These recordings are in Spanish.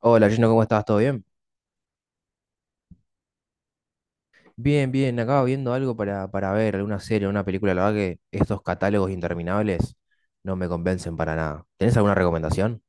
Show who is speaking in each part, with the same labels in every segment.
Speaker 1: Hola, Gino, ¿cómo estás? ¿Todo bien? Bien, bien, acaba viendo algo para ver, alguna serie, una película. La verdad que estos catálogos interminables no me convencen para nada. ¿Tenés alguna recomendación?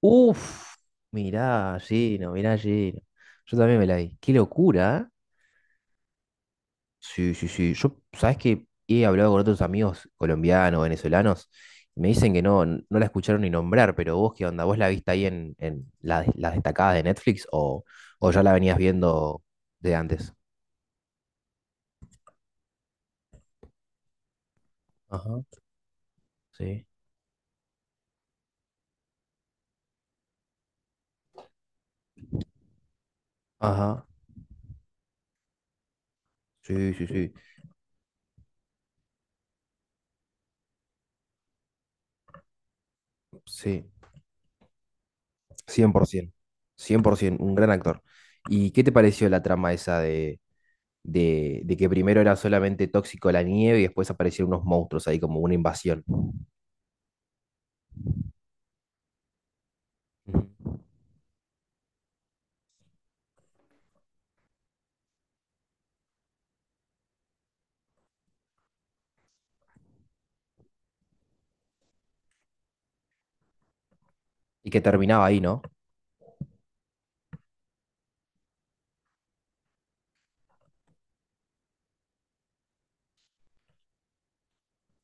Speaker 1: Uf, mirá, Gino, mirá, Gino. Yo también me la vi. Qué locura, ¿eh? Sí, sí, sí. Yo, ¿sabés que he hablado con otros amigos colombianos, venezolanos, me dicen que no, no la escucharon ni nombrar, pero vos, ¿qué onda? ¿Vos la viste ahí en las destacadas de Netflix o ya la venías viendo de antes? Ajá. Sí. Ajá, sí, sí, sí, sí, cien cien por ciento, cien por 100%, un gran actor. ¿Y qué te pareció la trama esa de que primero era solamente tóxico la nieve y después aparecieron unos monstruos ahí como una invasión? Ujú. Y que terminaba ahí, ¿no?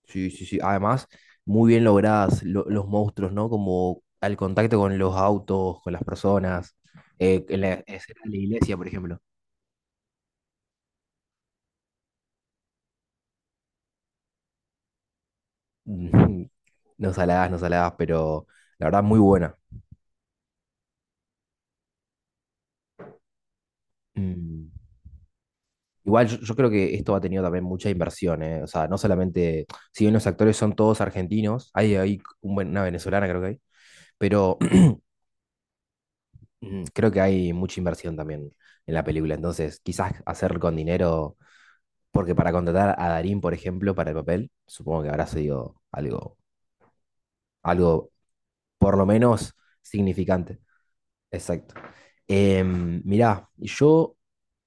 Speaker 1: Sí, sí, sí. Además, muy bien logradas los monstruos, ¿no? Como al contacto con los autos, con las personas, en la escena de la iglesia, por ejemplo. Ujú. No saladas, no saladas, pero la verdad muy buena. Mm. Igual yo creo que esto ha tenido también mucha inversión, ¿eh? O sea, no solamente, si bien los actores son todos argentinos, hay una venezolana creo que hay, pero creo que hay mucha inversión también en la película. Entonces, quizás hacer con dinero, porque para contratar a Darín, por ejemplo, para el papel, supongo que habrá sido algo por lo menos significante. Exacto. Mira, mirá, yo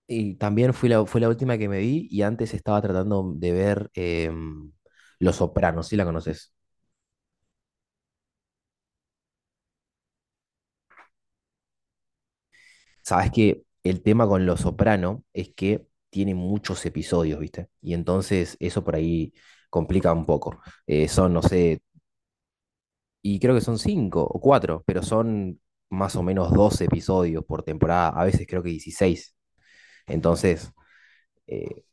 Speaker 1: y también fue la última que me vi y antes estaba tratando de ver Los Sopranos, si la conoces. Sabes que el tema con Los Soprano es que tiene muchos episodios, ¿viste? Y entonces eso por ahí complica un poco. Son, no sé, y creo que son cinco o cuatro, pero son más o menos 12 episodios por temporada, a veces creo que 16. Entonces, eh,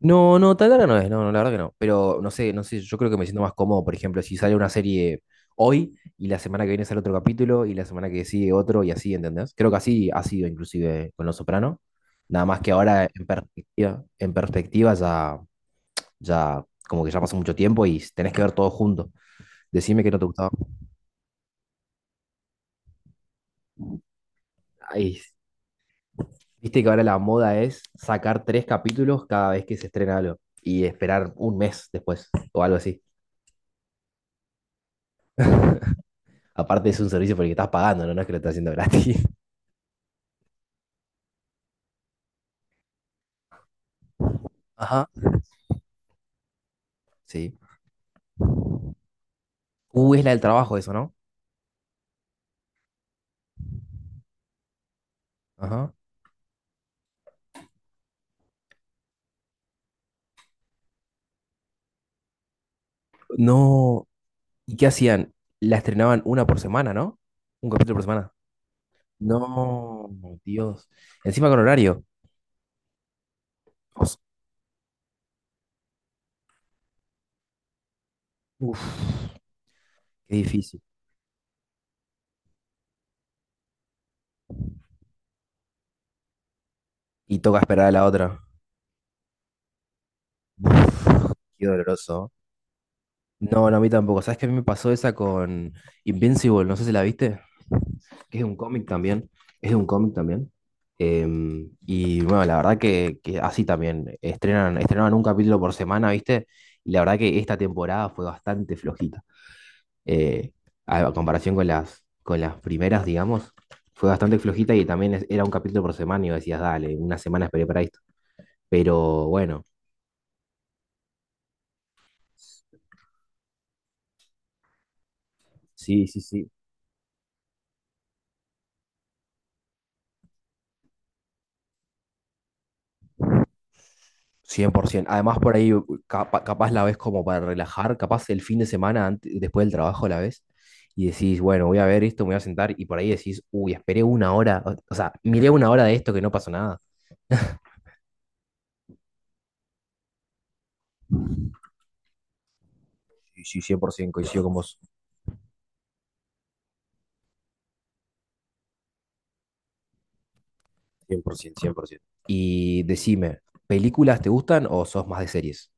Speaker 1: no, no, tan larga no es, no, no, la verdad que no. Pero no sé, no sé, yo creo que me siento más cómodo, por ejemplo, si sale una serie hoy y la semana que viene sale otro capítulo y la semana que sigue otro y así, ¿entendés? Creo que así ha sido inclusive con Los Soprano. Nada más que ahora en perspectiva ya, ya como que ya pasó mucho tiempo y tenés que ver todo junto. Decime que no te gustaba. Ay, viste que ahora la moda es sacar tres capítulos cada vez que se estrena algo y esperar un mes después o algo así. Aparte es un servicio por el que estás pagando, ¿no? No es que lo estás haciendo gratis. Ajá. Sí. Es la del trabajo eso, ¿no? Ajá. No. ¿Y qué hacían? La estrenaban una por semana, ¿no? Un capítulo por semana. No, Dios. Encima con horario. Os- Uf, qué difícil. Y toca esperar a la otra. Uf, qué doloroso. No, no, a mí tampoco. ¿Sabes qué? A mí me pasó esa con Invincible. No sé si la viste. Es de un cómic también, es de un cómic también. Y bueno, la verdad que así también, estrenaban un capítulo por semana, ¿viste? Y la verdad que esta temporada fue bastante flojita. Eh, a comparación con las primeras, digamos, fue bastante flojita y también era un capítulo por semana y vos decías, dale, una semana esperé para esto. Pero bueno, sí, sí, sí. 100%. Además, por ahí capaz la ves como para relajar, capaz el fin de semana después del trabajo la ves y decís, bueno, voy a ver esto, me voy a sentar y por ahí decís, uy, esperé una hora, o sea, miré una hora de esto que no pasó nada. Sí, sí, 100%, coincido con vos. Cien por 100%. Y decime, ¿películas te gustan o sos más de series?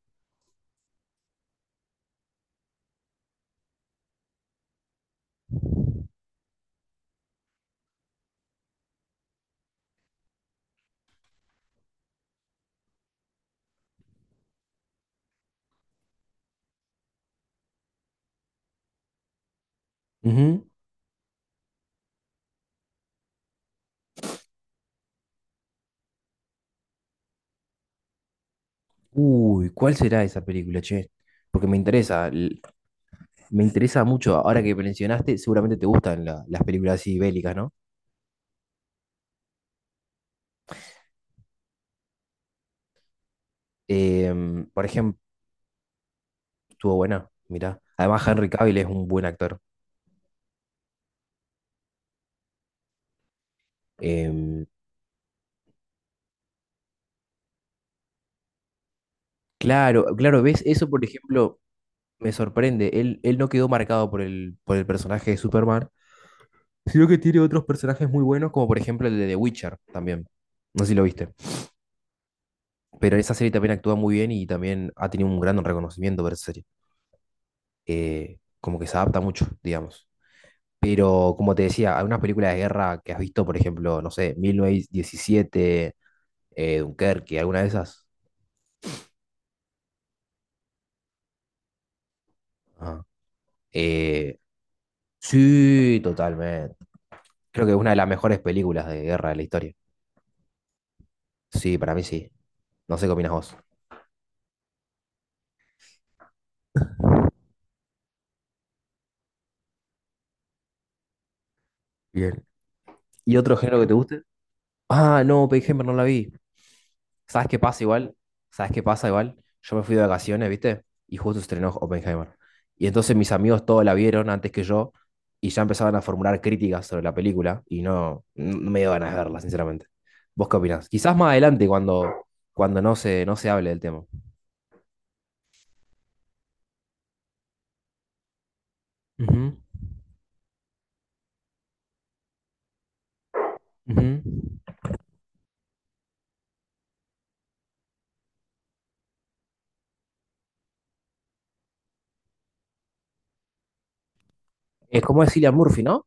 Speaker 1: Ujú. Uy, ¿cuál será esa película, che? Porque me interesa, me interesa mucho. Ahora que mencionaste, seguramente te gustan las películas así bélicas, ¿no? Por ejemplo, estuvo buena, mirá. Además, Henry Cavill es un buen actor. Em, claro, claro, ¿ves? Eso, por ejemplo, me sorprende. Él no quedó marcado por el personaje de Superman, sino que tiene otros personajes muy buenos, como por ejemplo el de The Witcher también. No sé si lo viste. Pero esa serie también actúa muy bien y también ha tenido un gran reconocimiento por esa serie. Como que se adapta mucho, digamos. Pero como te decía, hay unas películas de guerra que has visto, por ejemplo, no sé, 1917, Dunkerque, alguna de esas. Ajá. Eh, sí, totalmente. Creo que es una de las mejores películas de guerra de la historia. Sí, para mí sí. No sé qué opinas vos. Bien. ¿Y otro género que te guste? Ah, no, Pearl Hammer no la vi. ¿Sabes qué pasa igual? ¿Sabes qué pasa igual? Yo me fui de vacaciones, ¿viste? Y justo estrenó Oppenheimer. Y entonces mis amigos todos la vieron antes que yo y ya empezaban a formular críticas sobre la película y no, no me dio ganas de verla, sinceramente. ¿Vos qué opinás? Quizás más adelante cuando no se hable del tema. Ujú, ujú. Es como es Cillian Murphy, ¿no?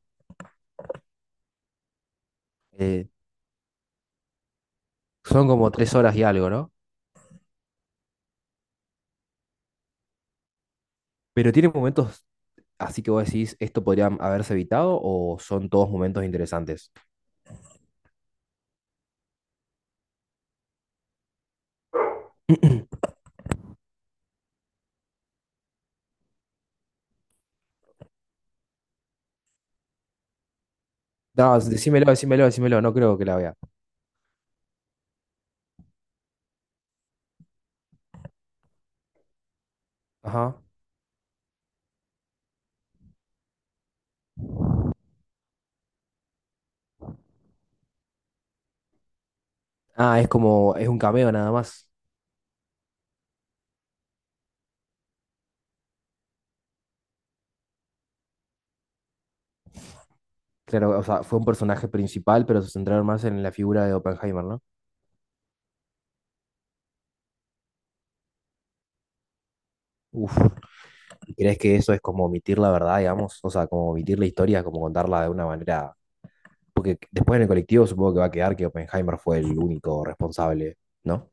Speaker 1: Eh, son como 3 horas y algo, ¿no? Pero tiene momentos así que vos decís, ¿esto podría haberse evitado o son todos momentos interesantes? No, decímelo, decímelo, decímelo, no creo que la vea. Ajá. Ah, es como, es un cameo nada más. Claro, o sea, fue un personaje principal, pero se centraron más en la figura de Oppenheimer, ¿no? Uf, ¿crees que eso es como omitir la verdad, digamos? O sea, como omitir la historia, como contarla de una manera... Porque después en el colectivo supongo que va a quedar que Oppenheimer fue el único responsable, ¿no?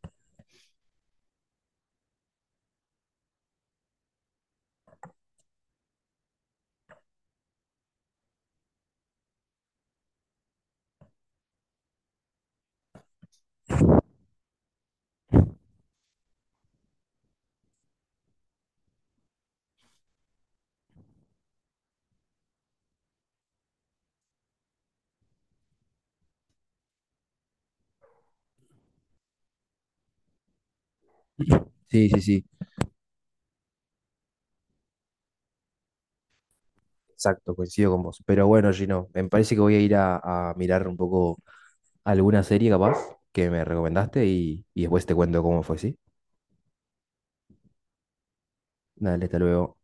Speaker 1: Sí, sí, sí. Exacto, coincido con vos. Pero bueno, Gino, me parece que voy a ir a mirar un poco alguna serie capaz que me recomendaste y después te cuento cómo fue, ¿sí? Dale, hasta luego.